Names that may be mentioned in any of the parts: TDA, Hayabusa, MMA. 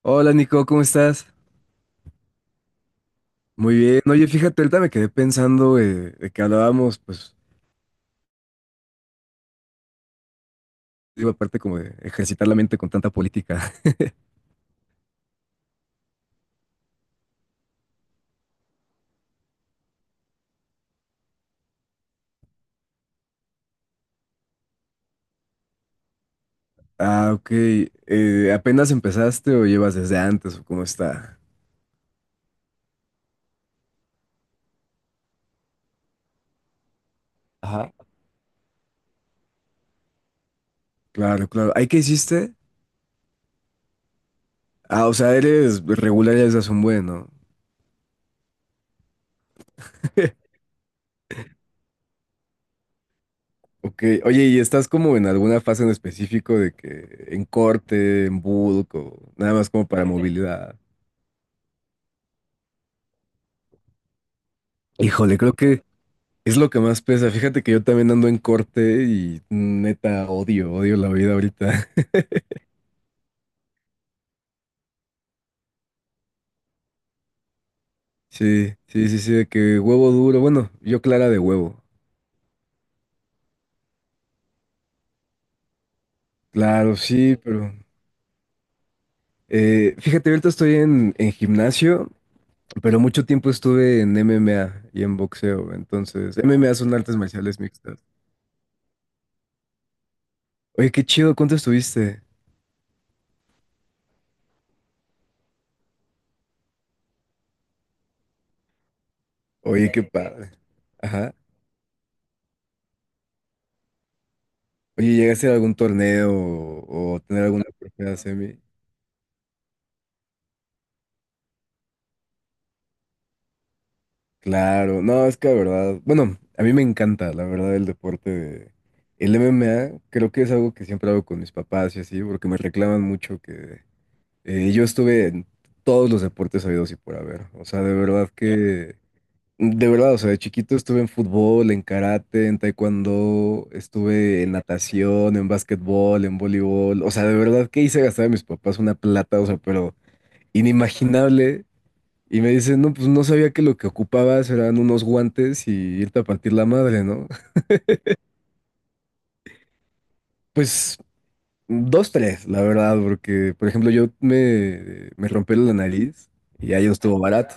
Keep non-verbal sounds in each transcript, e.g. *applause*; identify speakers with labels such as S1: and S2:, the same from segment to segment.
S1: Hola Nico, ¿cómo estás? Muy bien. Oye, fíjate, ahorita me quedé pensando de que hablábamos, pues, digo, aparte como de ejercitar la mente con tanta política. *laughs* Ah, ok. ¿Apenas empezaste o llevas desde antes o cómo está? Ajá. Claro, claro. ¿Ahí qué hiciste? Ah, o sea, eres regular ya desde hace un buen, ¿no? *laughs* Ok. Oye, ¿y estás como en alguna fase en específico de que en corte, en bulk o nada más como para movilidad? Híjole, creo que es lo que más pesa. Fíjate que yo también ando en corte y neta odio, odio la vida ahorita. *laughs* Sí, sí, sí, sí, de que huevo duro. Bueno, yo clara de huevo. Claro, sí, pero. Fíjate, ahorita estoy en gimnasio, pero mucho tiempo estuve en MMA y en boxeo. Entonces, MMA son artes marciales mixtas. Oye, qué chido, ¿cuánto estuviste? Oye, qué padre. Ajá. Oye, ¿llegaste a algún torneo o tener alguna primera semi? Claro, no, es que la verdad, bueno, a mí me encanta, la verdad, el deporte de. El MMA creo que es algo que siempre hago con mis papás y así, porque me reclaman mucho que yo estuve en todos los deportes habidos y por haber. O sea, de verdad, o sea, de chiquito estuve en fútbol, en karate, en taekwondo, estuve en natación, en básquetbol, en voleibol. O sea, de verdad que hice gastar a mis papás una plata, o sea, pero inimaginable y me dice, no, pues no sabía que lo que ocupabas eran unos guantes y irte a partir la madre, ¿no? *laughs* Pues dos, tres, la verdad, porque, por ejemplo, yo me rompí la nariz y ahí no estuvo barato.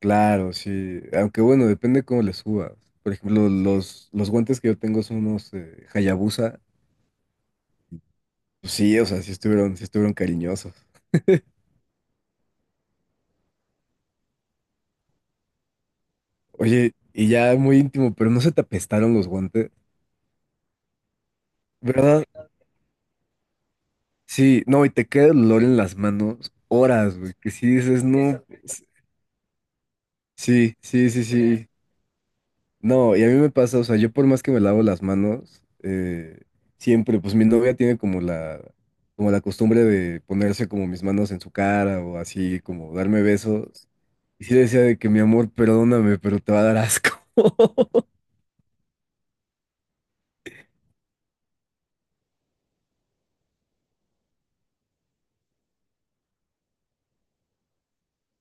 S1: Claro, sí. Aunque bueno, depende cómo le subas. Por ejemplo, los guantes que yo tengo son unos Hayabusa. Pues sí, o sea, sí estuvieron cariñosos. Oye, y ya muy íntimo, pero no se te apestaron los guantes, ¿verdad? Sí, no, y te queda el olor en las manos horas, güey, que si dices, no, pues, sí, sí, sí, sí, no, y a mí me pasa, o sea, yo por más que me lavo las manos, siempre, pues mi novia tiene como la costumbre de ponerse como mis manos en su cara o así, como darme besos, y sí le decía de que mi amor, perdóname, pero te va a dar asco. *laughs*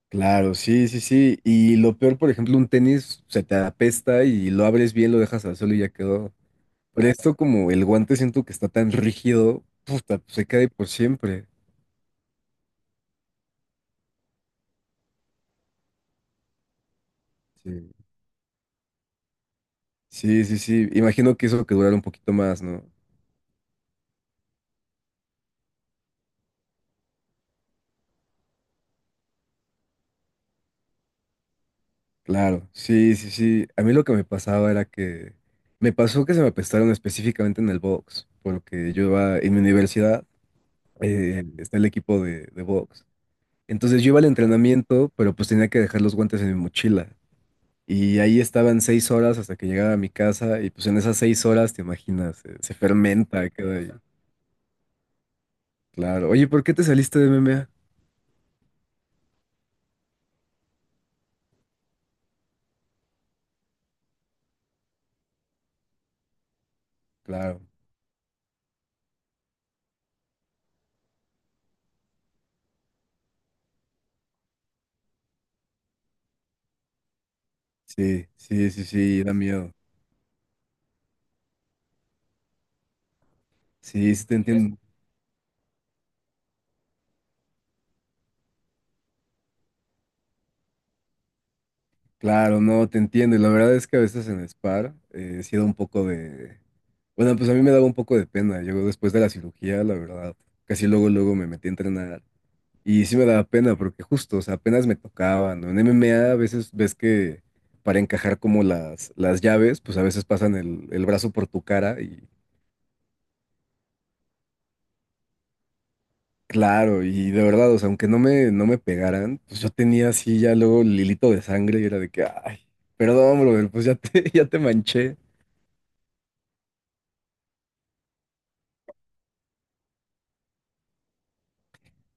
S1: Claro, sí, sí, sí, y lo peor, por ejemplo, un tenis se te apesta y lo abres bien, lo dejas al suelo y ya quedó. Pero esto como el guante siento que está tan rígido, puta, pues se cae por siempre. Sí, sí, sí, sí. Imagino que eso que durara un poquito más, ¿no? Claro, sí, sí, sí. A mí lo que me pasaba era que me pasó que se me apestaron específicamente en el box, porque yo iba en mi universidad, está el equipo de box. Entonces yo iba al entrenamiento, pero pues tenía que dejar los guantes en mi mochila. Y ahí estaban 6 horas hasta que llegaba a mi casa, y pues en esas 6 horas, te imaginas, se fermenta, queda ahí. Claro. Oye, ¿por qué te saliste de MMA? Claro. Sí, sí, sí, sí, da miedo. Sí, sí te entiendo. Claro, no, te entiendo. Y la verdad es que a veces en Spar sí da un poco de. Bueno, pues a mí me daba un poco de pena. Yo después de la cirugía, la verdad, casi luego, luego me metí a entrenar. Y sí me daba pena porque justo, o sea, apenas me tocaban, ¿no? En MMA a veces ves que para encajar como las llaves, pues a veces pasan el brazo por tu cara y. Claro, y de verdad, o sea, aunque no me pegaran, pues yo tenía así ya luego el hilito de sangre y era de que, ay, perdón, brother, pues ya te, *laughs* ya te manché.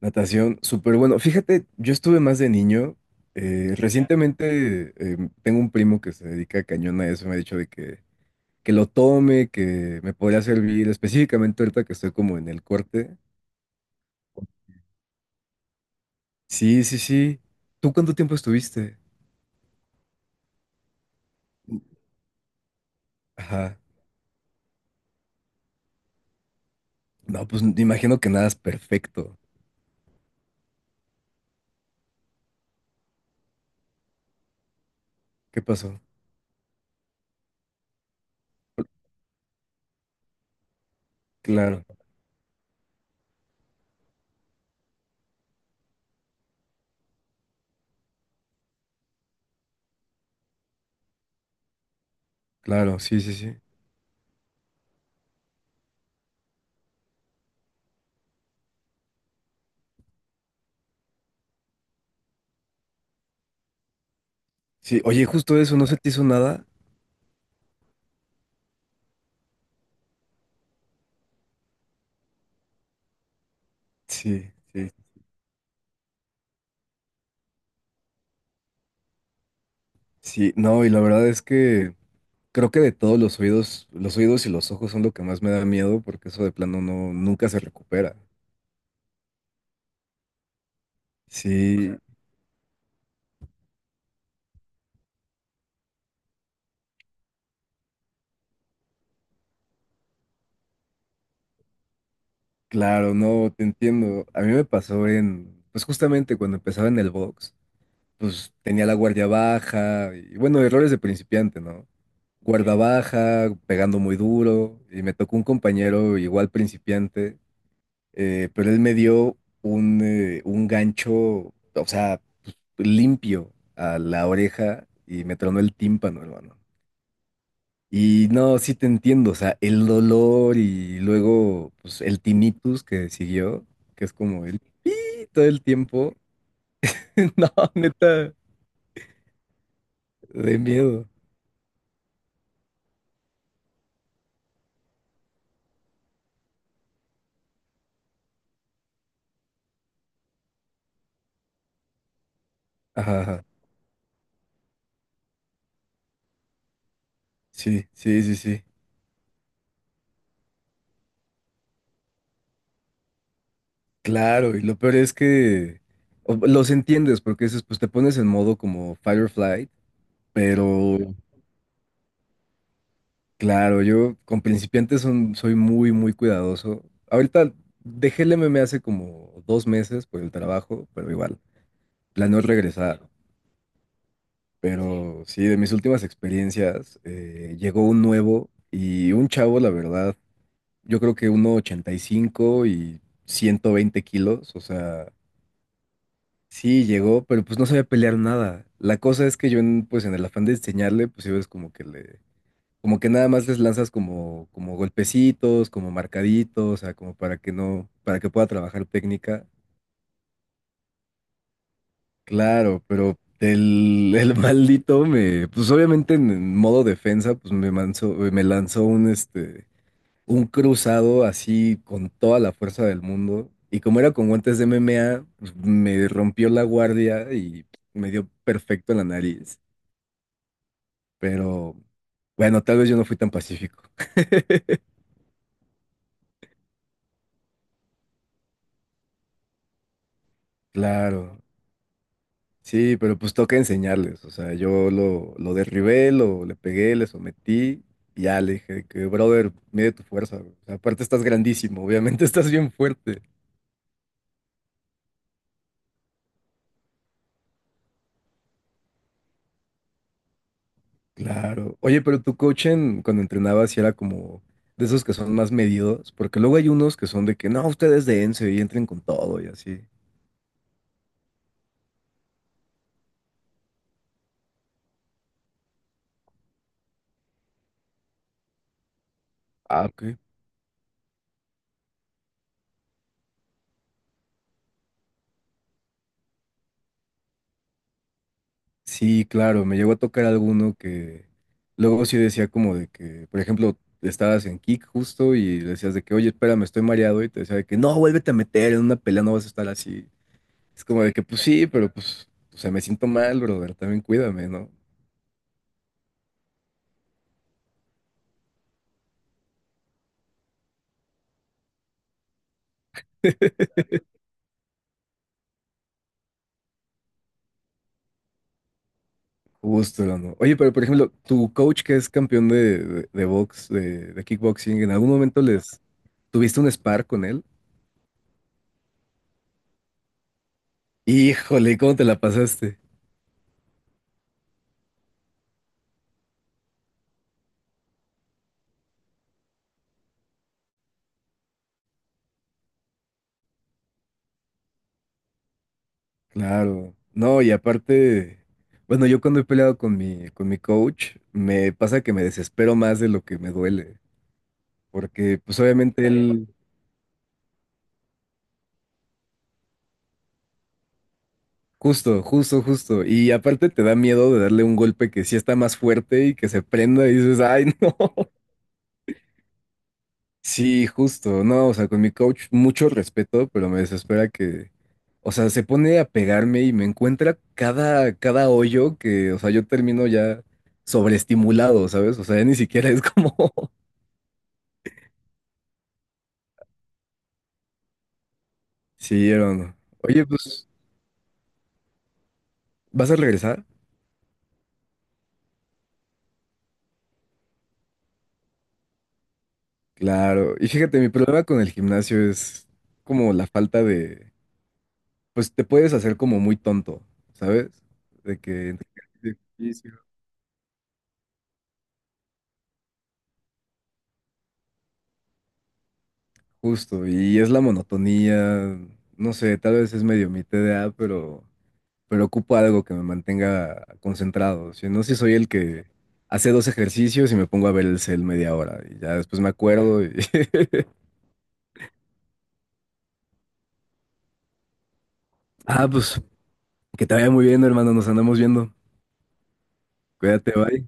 S1: Natación, súper bueno. Fíjate, yo estuve más de niño. Recientemente tengo un primo que se dedica cañón a eso, me ha dicho de que, lo tome, que me podría servir, específicamente ahorita que estoy como en el corte. Sí, sí, sí. ¿Tú cuánto tiempo estuviste? Ajá. No, pues me imagino que nada es perfecto. ¿Qué pasó? Claro. Claro, sí, sí, sí. Sí, oye, justo eso, ¿no se te hizo nada? Sí, sí, sí. No, y la verdad es que creo que de todos los oídos y los ojos son lo que más me da miedo porque eso de plano no, nunca se recupera. Sí, Ujú. Claro, no, te entiendo. A mí me pasó pues justamente cuando empezaba en el box, pues tenía la guardia baja y bueno, errores de principiante, ¿no? Guarda baja, pegando muy duro y me tocó un compañero igual principiante pero él me dio un gancho, o sea, limpio a la oreja y me tronó el tímpano, hermano. Y no, sí te entiendo, o sea, el dolor y luego pues, el tinnitus que siguió, que es como el pi todo el tiempo. *laughs* No, neta, de miedo. Ajá, ajá. Sí, sí, sí, sí. Claro, y lo peor es que los entiendes, porque dices, pues te pones en modo como fight or flight, pero. Claro, yo con principiantes soy muy, muy cuidadoso. Ahorita dejé el MMA hace como 2 meses por el trabajo, pero igual, planeo regresar. Pero sí, de mis últimas experiencias, llegó un nuevo y un chavo, la verdad, yo creo que 1,85 y 120 kilos, o sea, sí llegó, pero pues no sabía pelear nada. La cosa es que yo, pues en el afán de enseñarle, pues yo es como que le. Como que nada más les lanzas como golpecitos, como marcaditos, o sea, como para que no, para que pueda trabajar técnica. Claro, pero el *laughs* maldito me, pues obviamente en modo defensa, pues me lanzó un cruzado así con toda la fuerza del mundo. Y como era con guantes de MMA, pues, me rompió la guardia y me dio perfecto en la nariz. Pero bueno, tal vez yo no fui tan pacífico. *laughs* Claro. Sí, pero pues toca enseñarles. O sea, yo lo derribé, lo, le pegué, le sometí y ya le dije que, brother, mide tu fuerza, güey. O sea, aparte estás grandísimo, obviamente *laughs* estás bien fuerte. Claro. Oye, pero tu coach cuando entrenabas sí era como de esos que son más medidos, porque luego hay unos que son de que no, ustedes dense y entren con todo y así. Ah, ok. Sí, claro, me llegó a tocar alguno que luego sí decía como de que, por ejemplo, estabas en kick justo y le decías de que, oye, espérame, estoy mareado y te decía de que, no, vuélvete a meter, en una pelea no vas a estar así. Es como de que, pues sí, pero pues, o sea, me siento mal, brother, también cuídame, ¿no? *laughs* Justo, no. Oye, pero por ejemplo, tu coach que es campeón de box, de kickboxing, ¿en algún momento les tuviste un spar con él? Híjole, ¿cómo te la pasaste? Claro, no, y aparte, bueno, yo cuando he peleado con mi coach, me pasa que me desespero más de lo que me duele, porque pues obviamente él. Justo, justo, justo, y aparte te da miedo de darle un golpe que sí está más fuerte y que se prenda y dices, ay, no. *laughs* Sí, justo, no, o sea, con mi coach mucho respeto, pero me desespera que, o sea, se pone a pegarme y me encuentra cada, cada hoyo que, o sea, yo termino ya sobreestimulado, ¿sabes? O sea, ya ni siquiera es como. Sí, hermano. Oye, pues, ¿vas a regresar? Claro. Y fíjate, mi problema con el gimnasio es como la falta de, pues te puedes hacer como muy tonto, ¿sabes? De que entre que haces ejercicio, justo, y es la monotonía, no sé, tal vez es medio mi TDA, pero, ocupo algo que me mantenga concentrado. Si no, si soy el que hace dos ejercicios y me pongo a ver el cel media hora y ya después me acuerdo y. *laughs* Ah, pues, que te vaya muy bien, hermano, nos andamos viendo. Cuídate, bye.